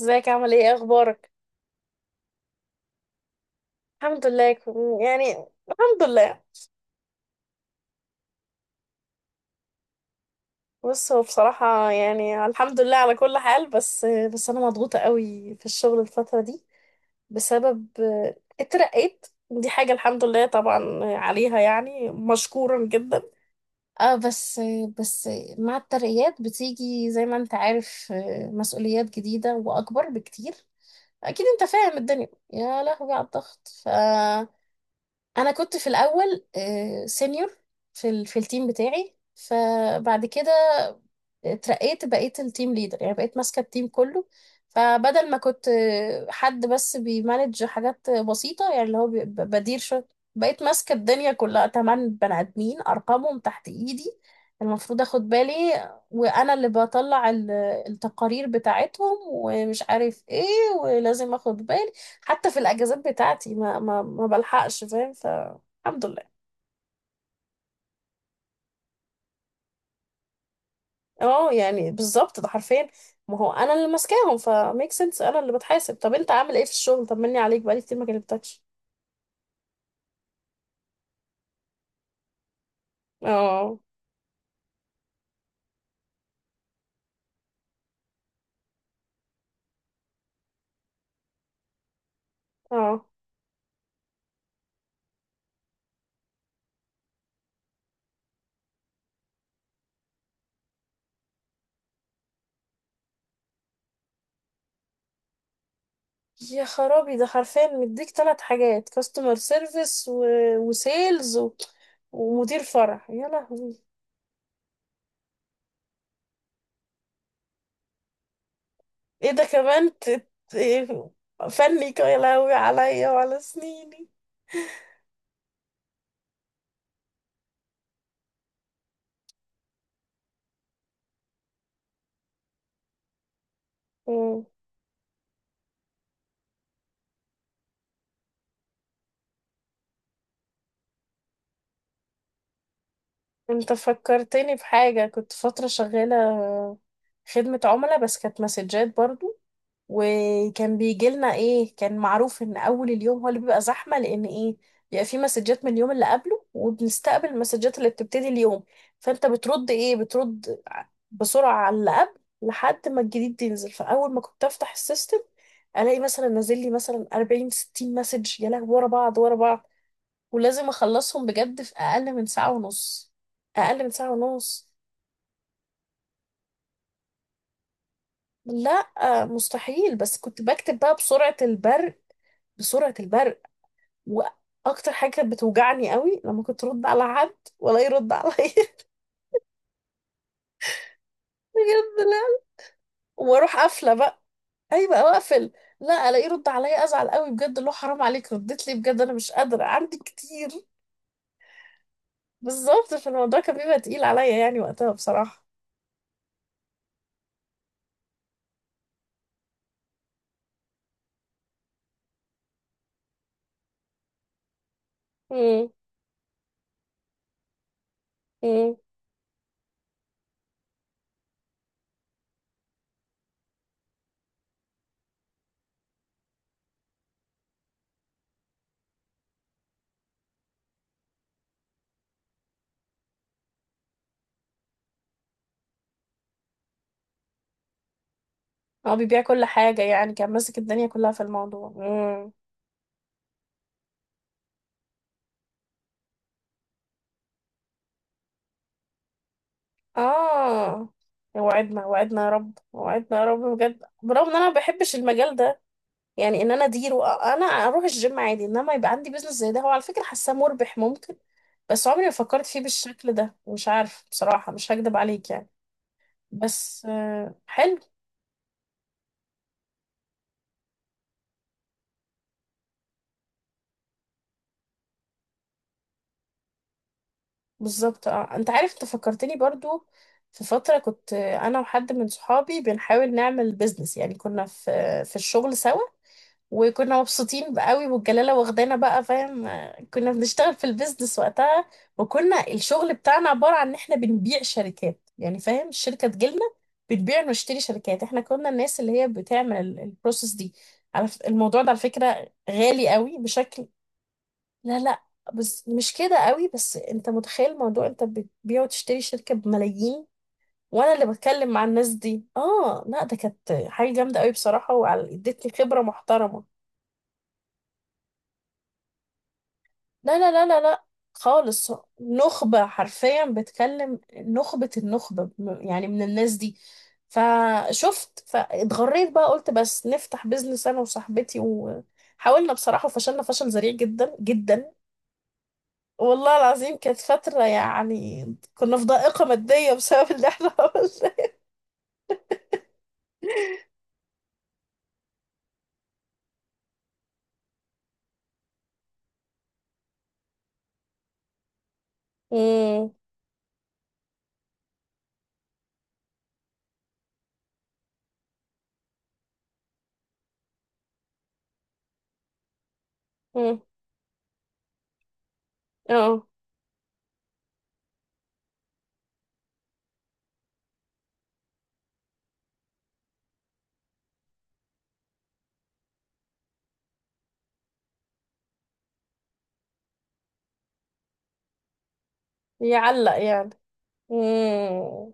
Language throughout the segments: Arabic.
ازيك؟ عامل ايه؟ ايه اخبارك؟ الحمد لله يعني الحمد لله. بص، هو بصراحة يعني الحمد لله على كل حال، بس انا مضغوطة قوي في الشغل الفترة دي. بسبب اترقيت، دي حاجة الحمد لله طبعا عليها يعني مشكورا جدا. اه، بس مع الترقيات بتيجي زي ما انت عارف، مسؤوليات جديدة واكبر بكتير. اكيد انت فاهم الدنيا، يا لهوي على الضغط. ف انا كنت في الاول سينيور في التيم بتاعي، فبعد كده اترقيت، بقيت التيم ليدر، يعني بقيت ماسكة التيم كله. فبدل ما كنت حد بس بيمانج حاجات بسيطة يعني، اللي هو بدير شغل، بقيت ماسكة الدنيا كلها، 8 بني آدمين أرقامهم تحت إيدي، المفروض أخد بالي. وأنا اللي بطلع التقارير بتاعتهم ومش عارف إيه، ولازم أخد بالي حتى في الأجازات بتاعتي، ما بلحقش فاهم، فالحمد لله. اه يعني بالظبط، ده حرفيا، ما هو انا اللي ماسكاهم، فميك سنس انا اللي بتحاسب. طب انت عامل ايه في الشغل؟ طمني عليك، بقالي كتير ما كلمتكش. اه، اه. يا خرابي، ده حرفيا مديك 3 حاجات: كاستمر سيرفيس وسيلز ومدير فرع، يا لهوي. ايه ده كمان؟ إيه؟ فني يا لهوي عليا وعلى سنيني. مم. انت فكرتني بحاجة، كنت فترة شغالة خدمة عملاء بس كانت مسجات برضو. وكان بيجي لنا ايه، كان معروف ان اول اليوم هو اللي بيبقى زحمه، لان ايه، بيبقى في مسجات من اليوم اللي قبله وبنستقبل المسجات اللي بتبتدي اليوم. فانت بترد ايه، بترد بسرعه على اللي قبل لحد ما الجديد ينزل. فاول ما كنت افتح السيستم الاقي مثلا نازل لي مثلا 40 60 مسج، يا لهوي، ورا بعض ورا بعض. ولازم اخلصهم بجد في اقل من ساعة ونص. اقل من ساعه ونص. لا، مستحيل، بس كنت بكتب بقى بسرعه البرق. بسرعه البرق. واكتر حاجه كانت بتوجعني قوي لما كنت ارد على حد ولا يرد عليا. بجد، لا، واروح قافله بقى. ايوه، واقفل. لا الاقيه يرد عليا ازعل قوي بجد، اللي هو حرام عليك ردت لي، بجد انا مش قادره، عندي كتير. بالظبط، فالموضوع كان بيبقى تقيل عليا يعني وقتها بصراحه. امم. امم. هو بيبيع كل حاجه يعني، كان ماسك الدنيا كلها في الموضوع. امم. اه. وعدنا وعدنا يا رب، وعدنا يا رب بجد، برغم ان انا ما بحبش المجال ده. يعني ان انا اديره انا اروح الجيم عادي، انما يبقى عندي بيزنس زي ده، هو على فكره حاساه مربح ممكن. بس عمري ما فكرت فيه بالشكل ده، مش عارف بصراحه، مش هكدب عليك يعني. بس حلو. بالظبط. اه انت عارف، انت فكرتني برضو، في فتره كنت، انا وحد من صحابي بنحاول نعمل بيزنس يعني، كنا في الشغل سوا. وكنا مبسوطين بقى قوي، والجلاله واخدانا بقى فاهم. كنا بنشتغل في البيزنس وقتها. وكنا الشغل بتاعنا عباره عن ان احنا بنبيع شركات يعني فاهم، الشركه تجيلنا بتبيع ونشتري شركات. احنا كنا الناس اللي هي بتعمل البروسيس دي. على الموضوع ده على فكره غالي قوي بشكل. لا لا، بس مش كده قوي، بس انت متخيل موضوع انت بتبيع وتشتري شركه بملايين، وانا اللي بتكلم مع الناس دي؟ اه لا، ده كانت حاجه جامده قوي بصراحه، وادتني خبره محترمه. لا لا لا لا لا، خالص. نخبة، حرفيا بتكلم نخبة النخبة، يعني من الناس دي. فشفت فاتغريت بقى، قلت بس نفتح بيزنس انا وصاحبتي، وحاولنا بصراحة وفشلنا فشل ذريع جدا جدا. والله العظيم كانت فترة يعني، كنا في ضائقة مادية بسبب اللي احنا عملناه. مم، مم، اه، يعلق يعني. مم.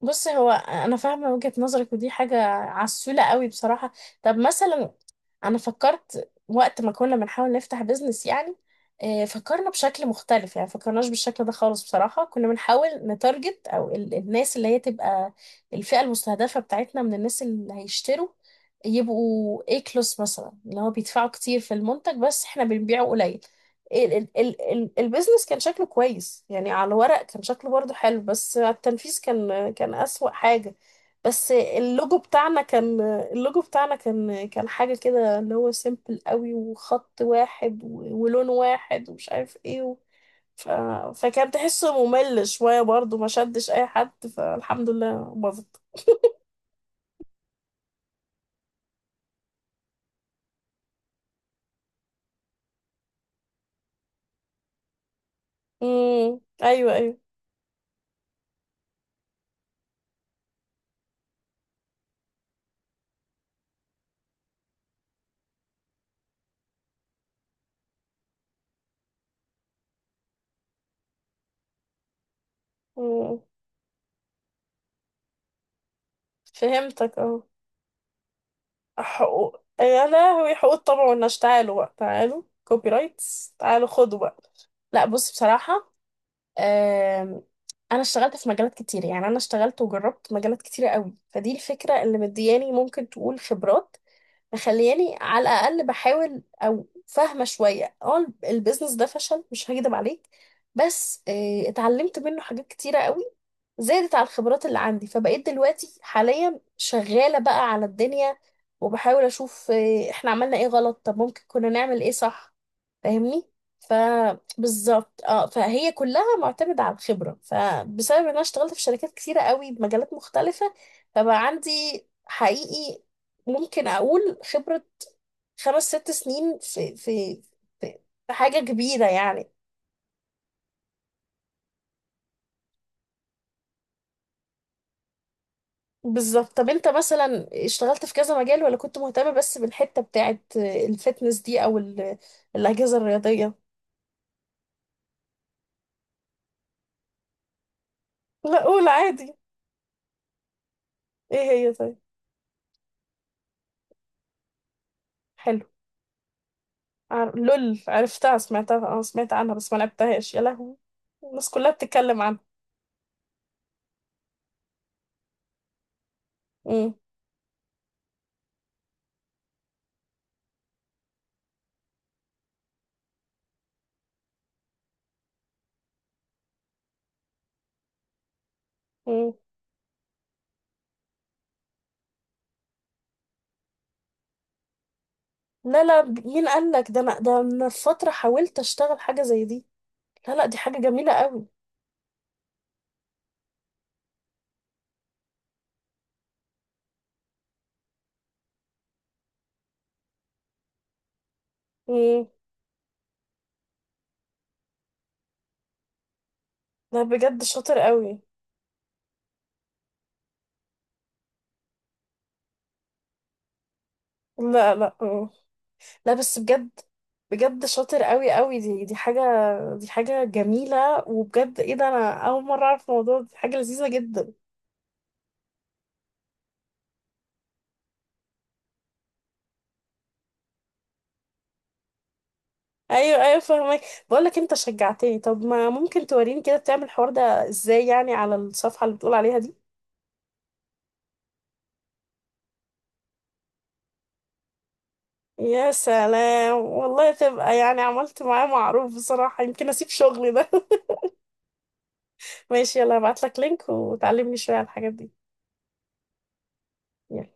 بص هو انا فاهمه وجهه نظرك، ودي حاجه عسوله قوي بصراحه. طب مثلا، انا فكرت وقت ما كنا بنحاول نفتح بيزنس يعني، فكرنا بشكل مختلف يعني، فكرناش بالشكل ده خالص بصراحه. كنا بنحاول نتارجت او الناس اللي هي تبقى الفئه المستهدفه بتاعتنا، من الناس اللي هيشتروا يبقوا A كلاس مثلا، اللي هو بيدفعوا كتير في المنتج بس احنا بنبيعه قليل. البيزنس كان شكله كويس يعني، على الورق كان شكله برضو حلو، بس على التنفيذ كان كان أسوأ حاجة. بس اللوجو بتاعنا كان، اللوجو بتاعنا كان حاجة كده اللي هو سيمبل قوي، وخط واحد ولون واحد ومش عارف ايه ف... فكان تحسه ممل شوية برضو، ما شدش أي حد، فالحمد لله باظت. امم، أيوه أيوه. مم. فهمتك، اه. حقوق يا لهوي، حقوق الطبع والنشر، تعالوا بقى، تعالوا كوبي رايتس، تعالوا خدوا بقى. لا بص بصراحة، آم، أنا اشتغلت في مجالات كتير يعني، أنا اشتغلت وجربت مجالات كتيرة قوي، فدي الفكرة اللي مدياني ممكن تقول خبرات، مخلياني على الاقل بحاول او فاهمه شويه. اه البيزنس ده فشل، مش هكدب عليك، بس اتعلمت منه حاجات كتيره قوي، زادت على الخبرات اللي عندي. فبقيت دلوقتي حاليا شغاله بقى على الدنيا، وبحاول اشوف احنا عملنا ايه غلط، طب ممكن كنا نعمل ايه صح. فاهمني. فبالظبط اه، فهي كلها معتمدة على الخبرة، فبسبب ان انا اشتغلت في شركات كتيرة قوي بمجالات مختلفة فبقى عندي حقيقي، ممكن اقول خبرة 5 6 سنين في في حاجة كبيرة يعني. بالظبط. طب انت مثلا اشتغلت في كذا مجال، ولا كنت مهتمة بس بالحتة بتاعت الفتنس دي، او الأجهزة الرياضية؟ لا قول عادي، ايه هي طيب؟ حلو. لول، عرفتها، سمعتها، اه سمعت عنها بس ما لعبتهاش، يا لهوي. الناس كلها بتتكلم عنها. مم. مم. لا لا، مين قال لك ده؟ انا ده من فترة حاولت اشتغل حاجة زي دي. لا لا، دي حاجة جميلة قوي. مم. لا بجد شاطر قوي. لا لا. مم. لا بس بجد، بجد شاطر قوي قوي. دي حاجة، دي حاجة جميلة. وبجد ايه ده، انا اول مرة اعرف الموضوع ده. دي حاجة لذيذة جدا. ايوه ايوه فاهمك. بقول لك انت شجعتني، طب ما ممكن توريني كده بتعمل الحوار ده ازاي يعني، على الصفحة اللي بتقول عليها دي؟ يا سلام والله، تبقى يعني عملت معاه معروف بصراحة، يمكن اسيب شغلي ده. ماشي، يلا هبعت لك لينك وتعلمني شوية على الحاجات دي. يلا.